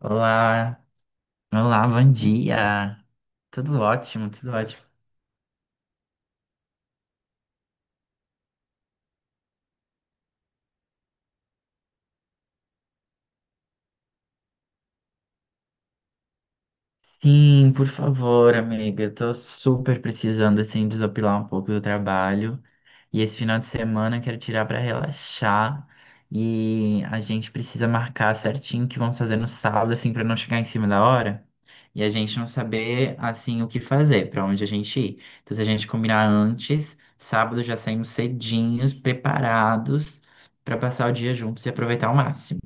Olá, olá, bom dia. Tudo ótimo, tudo ótimo. Sim, por favor, amiga. Eu tô super precisando, assim, desopilar um pouco do trabalho. E esse final de semana eu quero tirar pra relaxar. E a gente precisa marcar certinho o que vamos fazer no sábado, assim, pra não chegar em cima da hora. E a gente não saber, assim, o que fazer, pra onde a gente ir. Então, se a gente combinar antes, sábado já saímos cedinhos, preparados, pra passar o dia juntos e aproveitar ao máximo.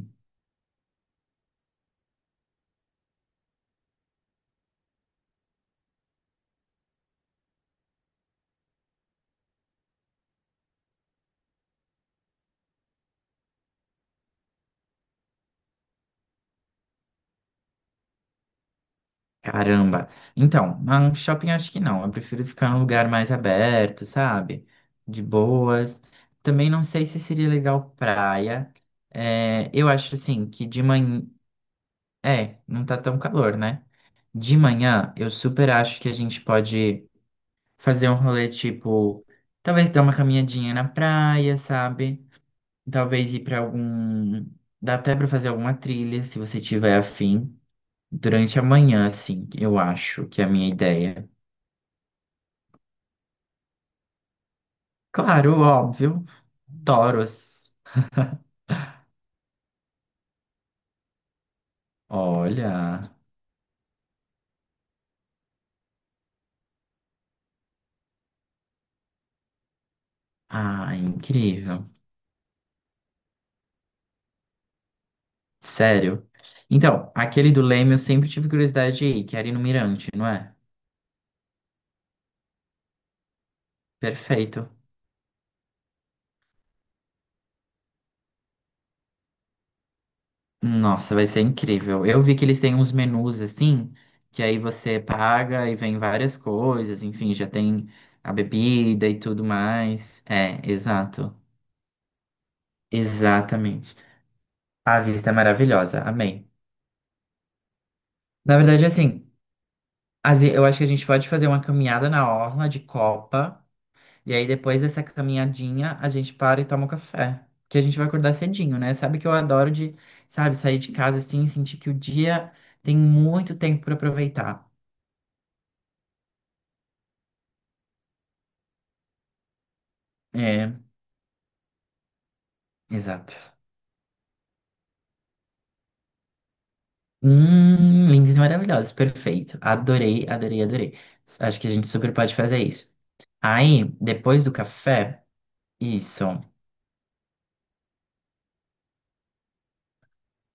Caramba. Então, mas um shopping acho que não. Eu prefiro ficar num lugar mais aberto, sabe? De boas. Também não sei se seria legal praia. É, eu acho assim que de manhã. É, não tá tão calor, né? De manhã, eu super acho que a gente pode fazer um rolê tipo. Talvez dar uma caminhadinha na praia, sabe? Talvez ir pra algum. Dá até pra fazer alguma trilha, se você tiver afim. Durante a manhã, assim, eu acho que é a minha ideia. Claro, óbvio, toros. Olha, ah, incrível. Sério. Então, aquele do Leme eu sempre tive curiosidade de ir, que era ir no Mirante, não é? Perfeito. Nossa, vai ser incrível. Eu vi que eles têm uns menus assim, que aí você paga e vem várias coisas, enfim, já tem a bebida e tudo mais. É, exato. Exatamente. A vista é maravilhosa. Amei. Na verdade, assim, eu acho que a gente pode fazer uma caminhada na orla de Copa, e aí depois dessa caminhadinha a gente para e toma um café, que a gente vai acordar cedinho, né? Sabe que eu adoro de, sabe, sair de casa assim, sentir que o dia tem muito tempo para aproveitar. É, exato. Lindos e maravilhosos, perfeito. Adorei, adorei, adorei. Acho que a gente super pode fazer isso. Aí, depois do café, isso.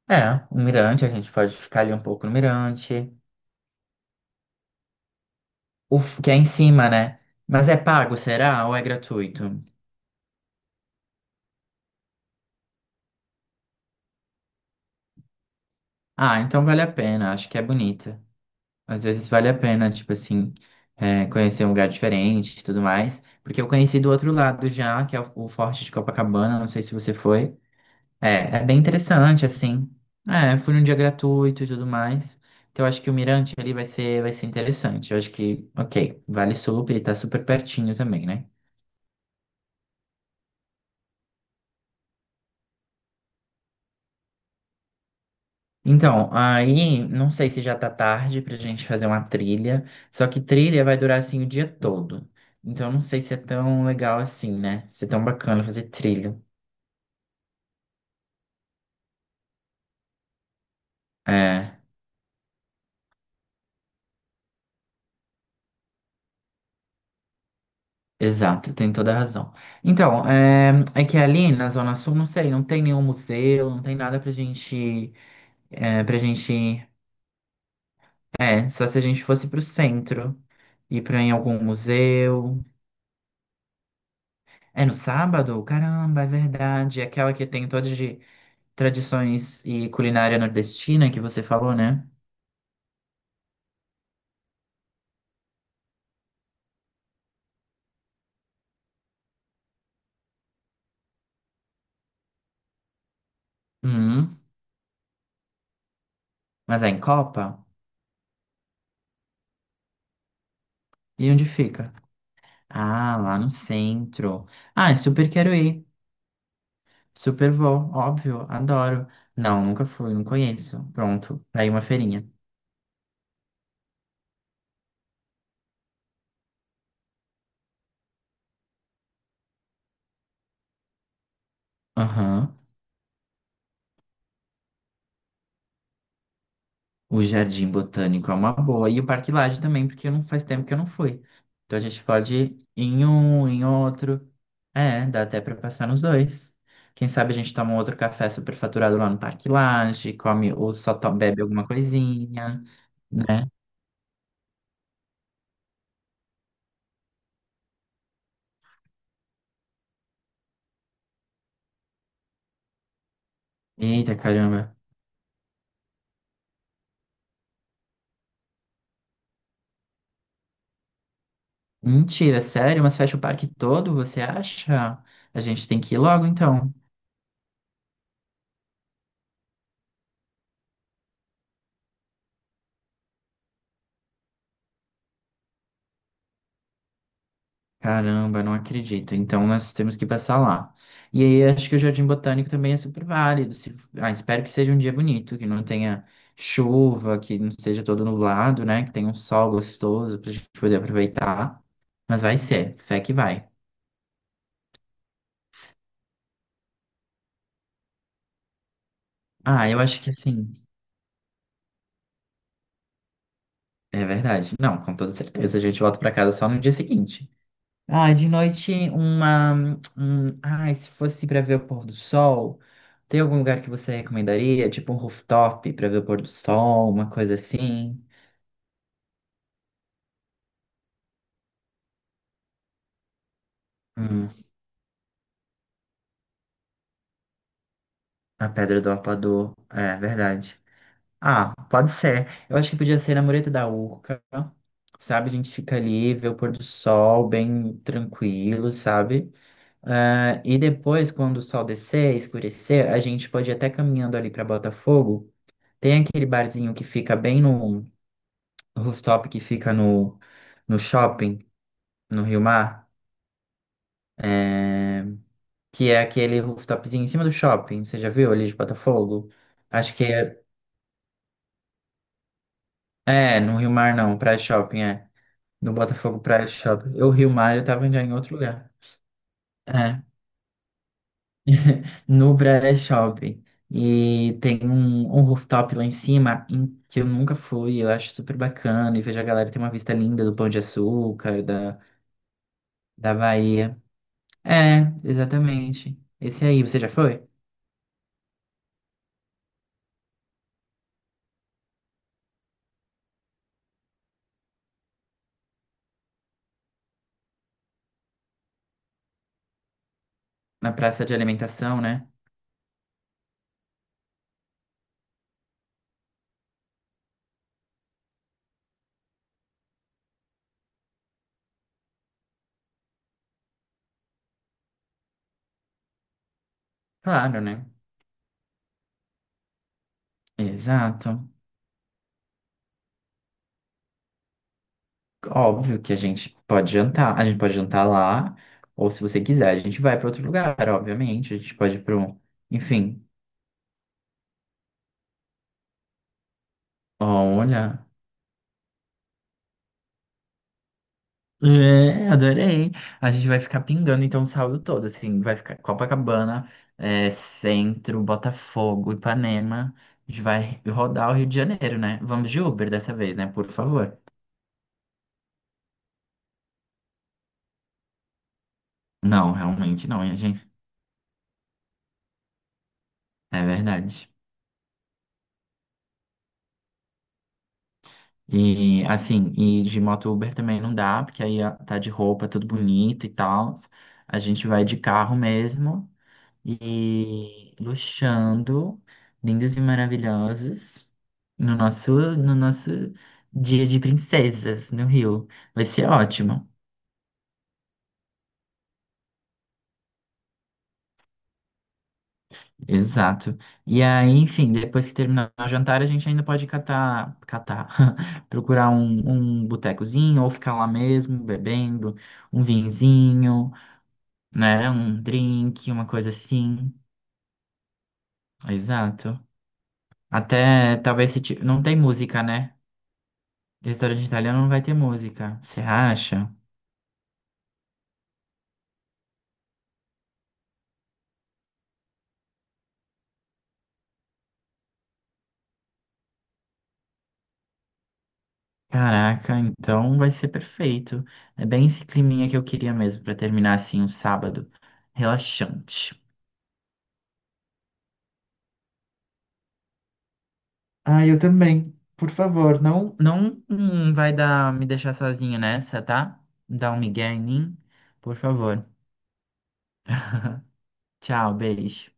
É, o mirante, a gente pode ficar ali um pouco no mirante. O que é em cima, né? Mas é pago, será? Ou é gratuito? Ah, então vale a pena, acho que é bonita. Às vezes vale a pena, tipo assim, é, conhecer um lugar diferente e tudo mais. Porque eu conheci do outro lado já, que é o Forte de Copacabana, não sei se você foi. É, é bem interessante, assim. É, fui num dia gratuito e tudo mais. Então eu acho que o Mirante ali vai ser interessante. Eu acho que, ok, vale super e tá super pertinho também, né? Então, aí, não sei se já tá tarde pra gente fazer uma trilha, só que trilha vai durar assim o dia todo. Então, não sei se é tão legal assim, né? Se é tão bacana fazer trilha. É, exato, tem toda a razão. Então, é, é que ali na Zona Sul, não sei, não tem nenhum museu, não tem nada pra gente, é, pra gente, é, só se a gente fosse pro centro, ir pra em algum museu. É no sábado? Caramba, é verdade. É aquela que tem toda de tradições e culinária nordestina que você falou, né? Uhum. Mas é em Copa? E onde fica? Ah, lá no centro. Ah, super quero ir. Super vou, óbvio, adoro. Não, nunca fui, não conheço. Pronto, tá aí uma feirinha. Aham. O Jardim Botânico é uma boa. E o Parque Lage também, porque não faz tempo que eu não fui. Então a gente pode ir em um, em outro. É, dá até para passar nos dois. Quem sabe a gente toma um outro café superfaturado lá no Parque Lage, come ou só bebe alguma coisinha, né? Eita, caramba. Mentira, sério? Mas fecha o parque todo, você acha? A gente tem que ir logo então. Caramba, não acredito. Então nós temos que passar lá. E aí acho que o Jardim Botânico também é super válido. Ah, espero que seja um dia bonito, que não tenha chuva, que não seja todo nublado, né? Que tenha um sol gostoso pra gente poder aproveitar. Mas vai ser, fé que vai. Ah, eu acho que assim, é verdade. Não, com toda certeza, a gente volta pra casa só no dia seguinte. Ah, de noite uma. Um, ai, se fosse para ver o pôr do sol, tem algum lugar que você recomendaria? Tipo um rooftop para ver o pôr do sol, uma coisa assim? Hum, a Pedra do Apador. É, verdade. Ah, pode ser. Eu acho que podia ser na Mureta da Urca, sabe? A gente fica ali, vê o pôr do sol bem tranquilo, sabe? Ah, e depois, quando o sol descer, escurecer, a gente pode ir até caminhando ali para Botafogo. Tem aquele barzinho que fica bem no rooftop que fica no, no shopping, no Rio Mar, é, que é aquele rooftopzinho em cima do shopping, você já viu ali de Botafogo? Acho que é, é no Rio Mar não, Praia Shopping, é. No Botafogo Praia Shopping. Eu, Rio Mar, eu tava já em outro lugar. É, no Praia Shopping. E tem um, um rooftop lá em cima que eu nunca fui, eu acho super bacana. E vejo a galera tem uma vista linda do Pão de Açúcar, da, da Bahia. É, exatamente. Esse aí, você já foi? Na praça de alimentação, né? Claro, né? Exato. Óbvio que a gente pode jantar. A gente pode jantar lá, ou se você quiser, a gente vai para outro lugar, obviamente. A gente pode ir para um. Enfim, olha. É, adorei. A gente vai ficar pingando então o sábado todo, assim, vai ficar Copacabana, é, Centro, Botafogo, Ipanema. A gente vai rodar o Rio de Janeiro, né? Vamos de Uber dessa vez, né? Por favor. Não, realmente não, hein, gente. É verdade. E assim, e de moto Uber também não dá, porque aí ó, tá de roupa, tudo bonito e tal. A gente vai de carro mesmo e luxando, lindos e maravilhosos, no nosso, no nosso dia de princesas no Rio. Vai ser ótimo. Exato. E aí, enfim, depois que terminar o jantar, a gente ainda pode catar, catar, procurar um, um botecozinho ou ficar lá mesmo bebendo um vinhozinho, né? Um drink, uma coisa assim. Exato. Até talvez se ti- não tem música, né? Restaurante italiano não vai ter música. Você acha? Caraca, então vai ser perfeito. É bem esse climinha que eu queria mesmo pra terminar assim um sábado relaxante. Ah, eu também. Por favor, não, não vai dar me deixar sozinho nessa, tá? Dá um migué em mim, por favor. Tchau, beijo.